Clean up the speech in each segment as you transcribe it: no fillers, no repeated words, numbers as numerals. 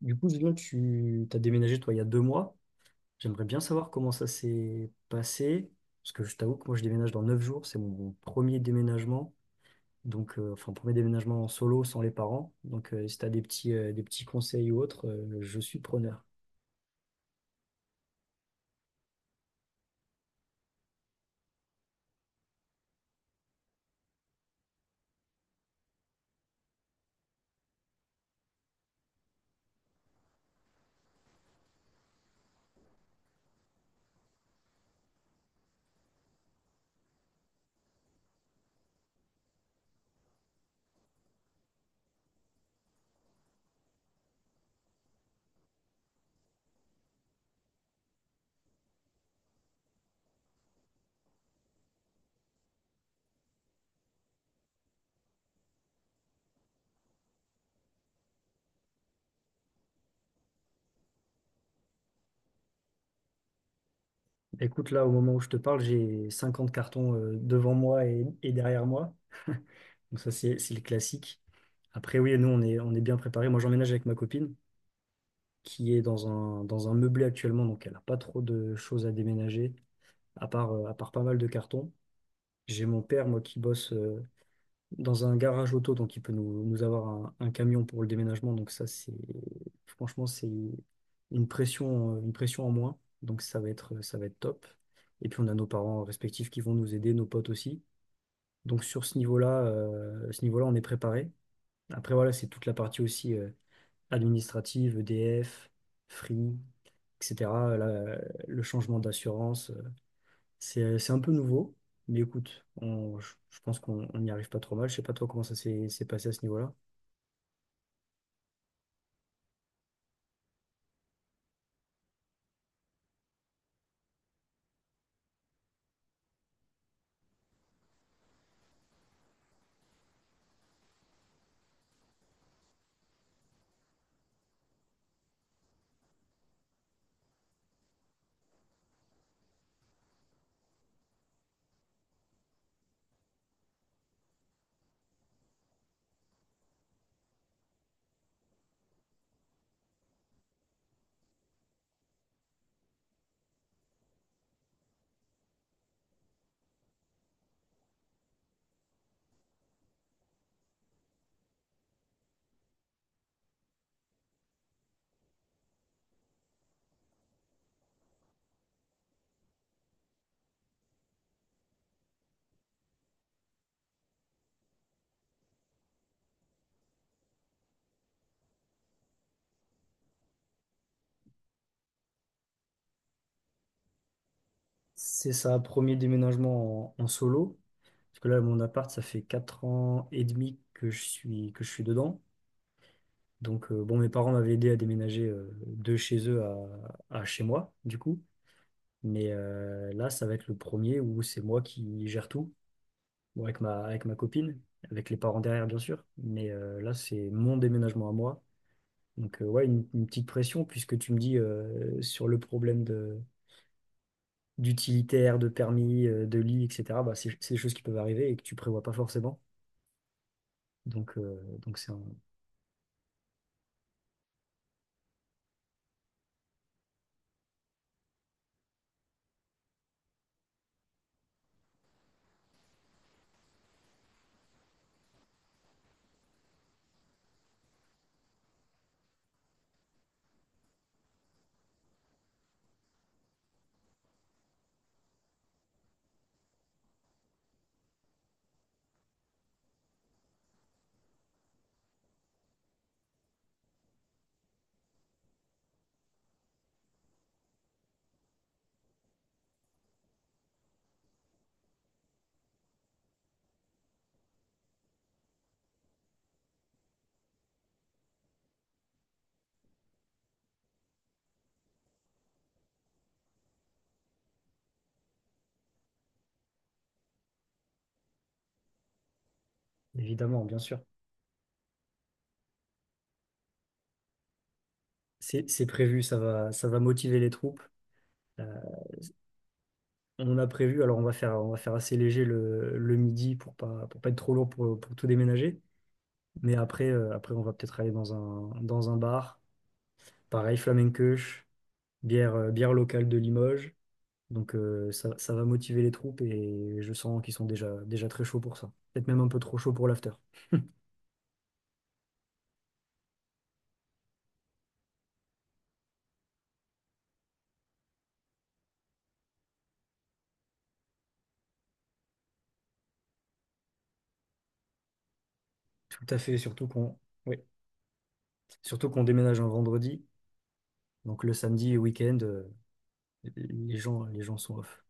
Du coup, là, tu as déménagé, toi, il y a 2 mois. J'aimerais bien savoir comment ça s'est passé. Parce que je t'avoue que moi, je déménage dans 9 jours. C'est mon premier déménagement. Donc, enfin, premier déménagement en solo, sans les parents. Donc, si tu as des petits conseils ou autres, je suis preneur. Écoute, là, au moment où je te parle, j'ai 50 cartons, devant moi et derrière moi. Donc, ça, c'est le classique. Après, oui, nous, on est bien préparés. Moi, j'emménage avec ma copine qui est dans un meublé actuellement. Donc, elle n'a pas trop de choses à déménager. À part pas mal de cartons. J'ai mon père, moi, qui bosse dans un garage auto, donc il peut nous avoir un camion pour le déménagement. Donc ça, c'est franchement, c'est une pression en moins. Donc ça va être top. Et puis on a nos parents respectifs qui vont nous aider, nos potes aussi. Donc sur ce niveau-là, on est préparé. Après, voilà, c'est toute la partie aussi administrative, EDF, Free, etc. la- le changement d'assurance. C'est un peu nouveau, mais écoute, je pense qu'on on n'y arrive pas trop mal. Je sais pas toi comment ça s'est passé à ce niveau-là. C'est ça, premier déménagement en solo. Parce que là, mon appart, ça fait 4 ans et demi que que je suis dedans. Donc, bon, mes parents m'avaient aidé à déménager de chez eux à chez moi, du coup. Mais là, ça va être le premier où c'est moi qui gère tout, bon, avec ma copine, avec les parents derrière, bien sûr. Mais là, c'est mon déménagement à moi. Donc, ouais, une petite pression, puisque tu me dis sur le problème d'utilitaire, de permis, de lit, etc., bah, c'est des choses qui peuvent arriver et que tu prévois pas forcément. Donc. Évidemment, bien sûr. C'est prévu, ça va motiver les troupes. Euh, on a prévu, alors on va faire assez léger le midi pour pas être trop lourd pour tout déménager. Mais après on va peut-être aller dans un bar. Pareil, flamencoche, bière locale de Limoges. Donc ça, ça va motiver les troupes et je sens qu'ils sont déjà très chauds pour ça. Peut-être même un peu trop chauds pour l'after. Tout à fait, surtout qu'on oui. Surtout qu'on déménage un vendredi. Donc le samedi et week-end, les gens sont off.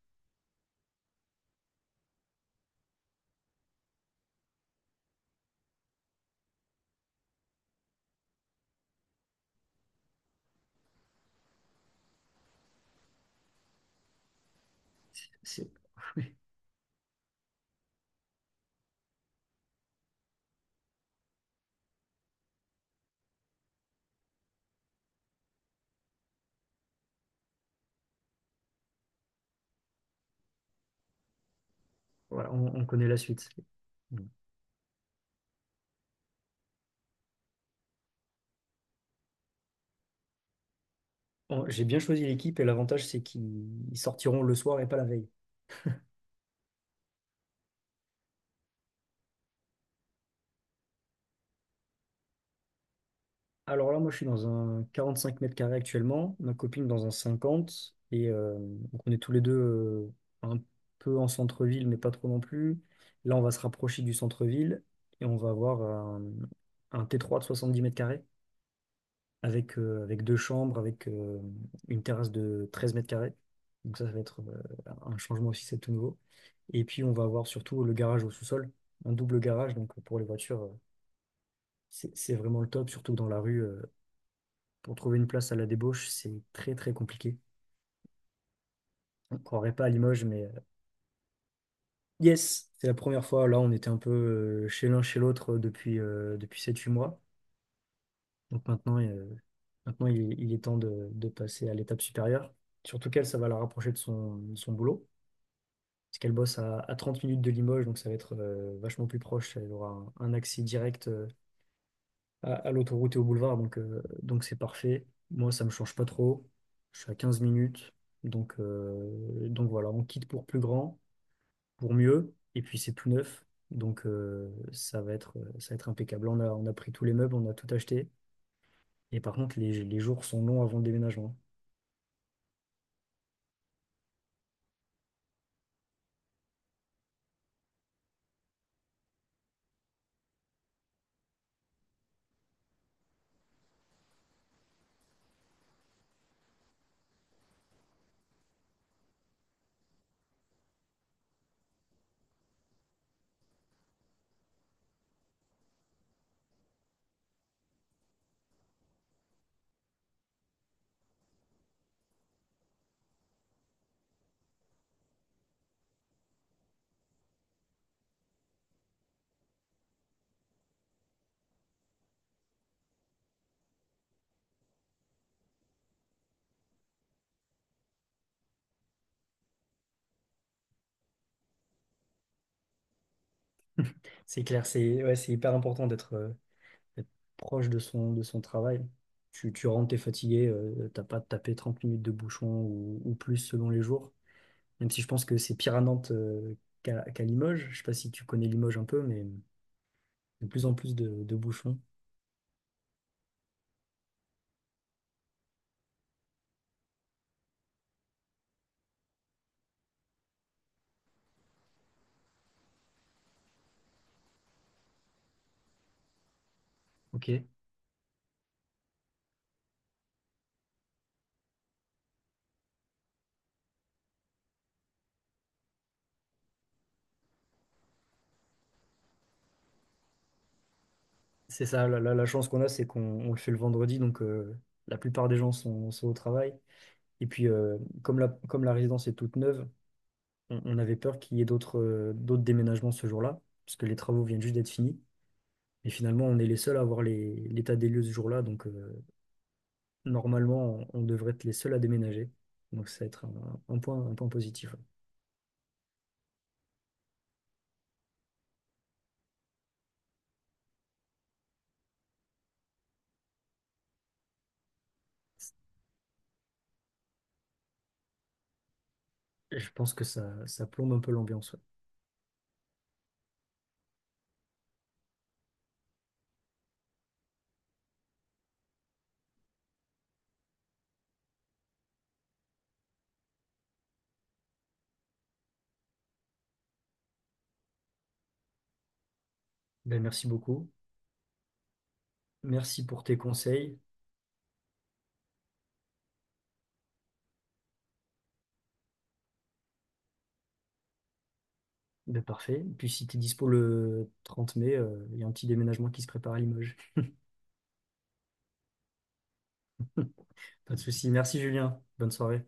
C'est- oui. Voilà, on connaît la suite. Mm. Bon, j'ai bien choisi l'équipe et l'avantage, c'est qu'ils ils sortiront le soir et pas la veille. Alors là, moi, je suis dans un 45 mètres carrés actuellement, ma copine dans un 50, et donc on est tous les deux un peu en centre-ville, mais pas trop non plus. Là, on va se rapprocher du centre-ville et on va avoir un T3 de 70 mètres carrés avec, avec deux chambres, avec une terrasse de 13 mètres carrés. Donc ça va être un changement aussi, c'est tout nouveau. Et puis, on va avoir surtout le garage au sous-sol, un double garage, donc pour les voitures, c'est vraiment le top, surtout que dans la rue. Pour trouver une place à la débauche, c'est très très compliqué. On ne croirait pas à Limoges, mais yes, c'est la première fois. Là, on était un peu chez l'un chez l'autre depuis sept-huit mois. Donc maintenant il est temps de passer à l'étape supérieure. Surtout qu'elle, ça va la rapprocher de son boulot. Parce qu'elle bosse à 30 minutes de Limoges, donc ça va être vachement plus proche. Elle aura un accès direct à l'autoroute et au boulevard, donc donc c'est parfait. Moi, ça me change pas trop. Je suis à 15 minutes, donc donc voilà, on quitte pour plus grand, pour mieux, et puis c'est tout neuf, donc ça va être impeccable. Là, on a pris tous les meubles, on a tout acheté, et par contre les jours sont longs avant le déménagement. C'est clair, c'est ouais, c'est hyper important d'être proche de son travail. Tu rentres, t'es fatigué, t'as pas tapé 30 minutes de bouchon ou plus selon les jours. Même si je pense que c'est pire à Nantes qu'à Limoges. Je sais pas si tu connais Limoges un peu, mais de plus en plus de bouchons. Ok. C'est ça, la chance qu'on a, c'est qu'on on le fait le vendredi, donc la plupart des gens sont au travail. Et puis, comme la résidence est toute neuve, on avait peur qu'il y ait d'autres déménagements ce jour-là, parce que les travaux viennent juste d'être finis. Et finalement, on est les seuls à avoir l'état des lieux ce jour-là, donc normalement, on devrait être les seuls à déménager. Donc ça va être un point positif. Je pense que ça plombe un peu l'ambiance. Ouais. Ben, merci beaucoup. Merci pour tes conseils. Ben, parfait. Et puis si tu es dispo le 30 mai, il y a un petit déménagement qui se prépare à Limoges. Pas de souci. Merci Julien. Bonne soirée.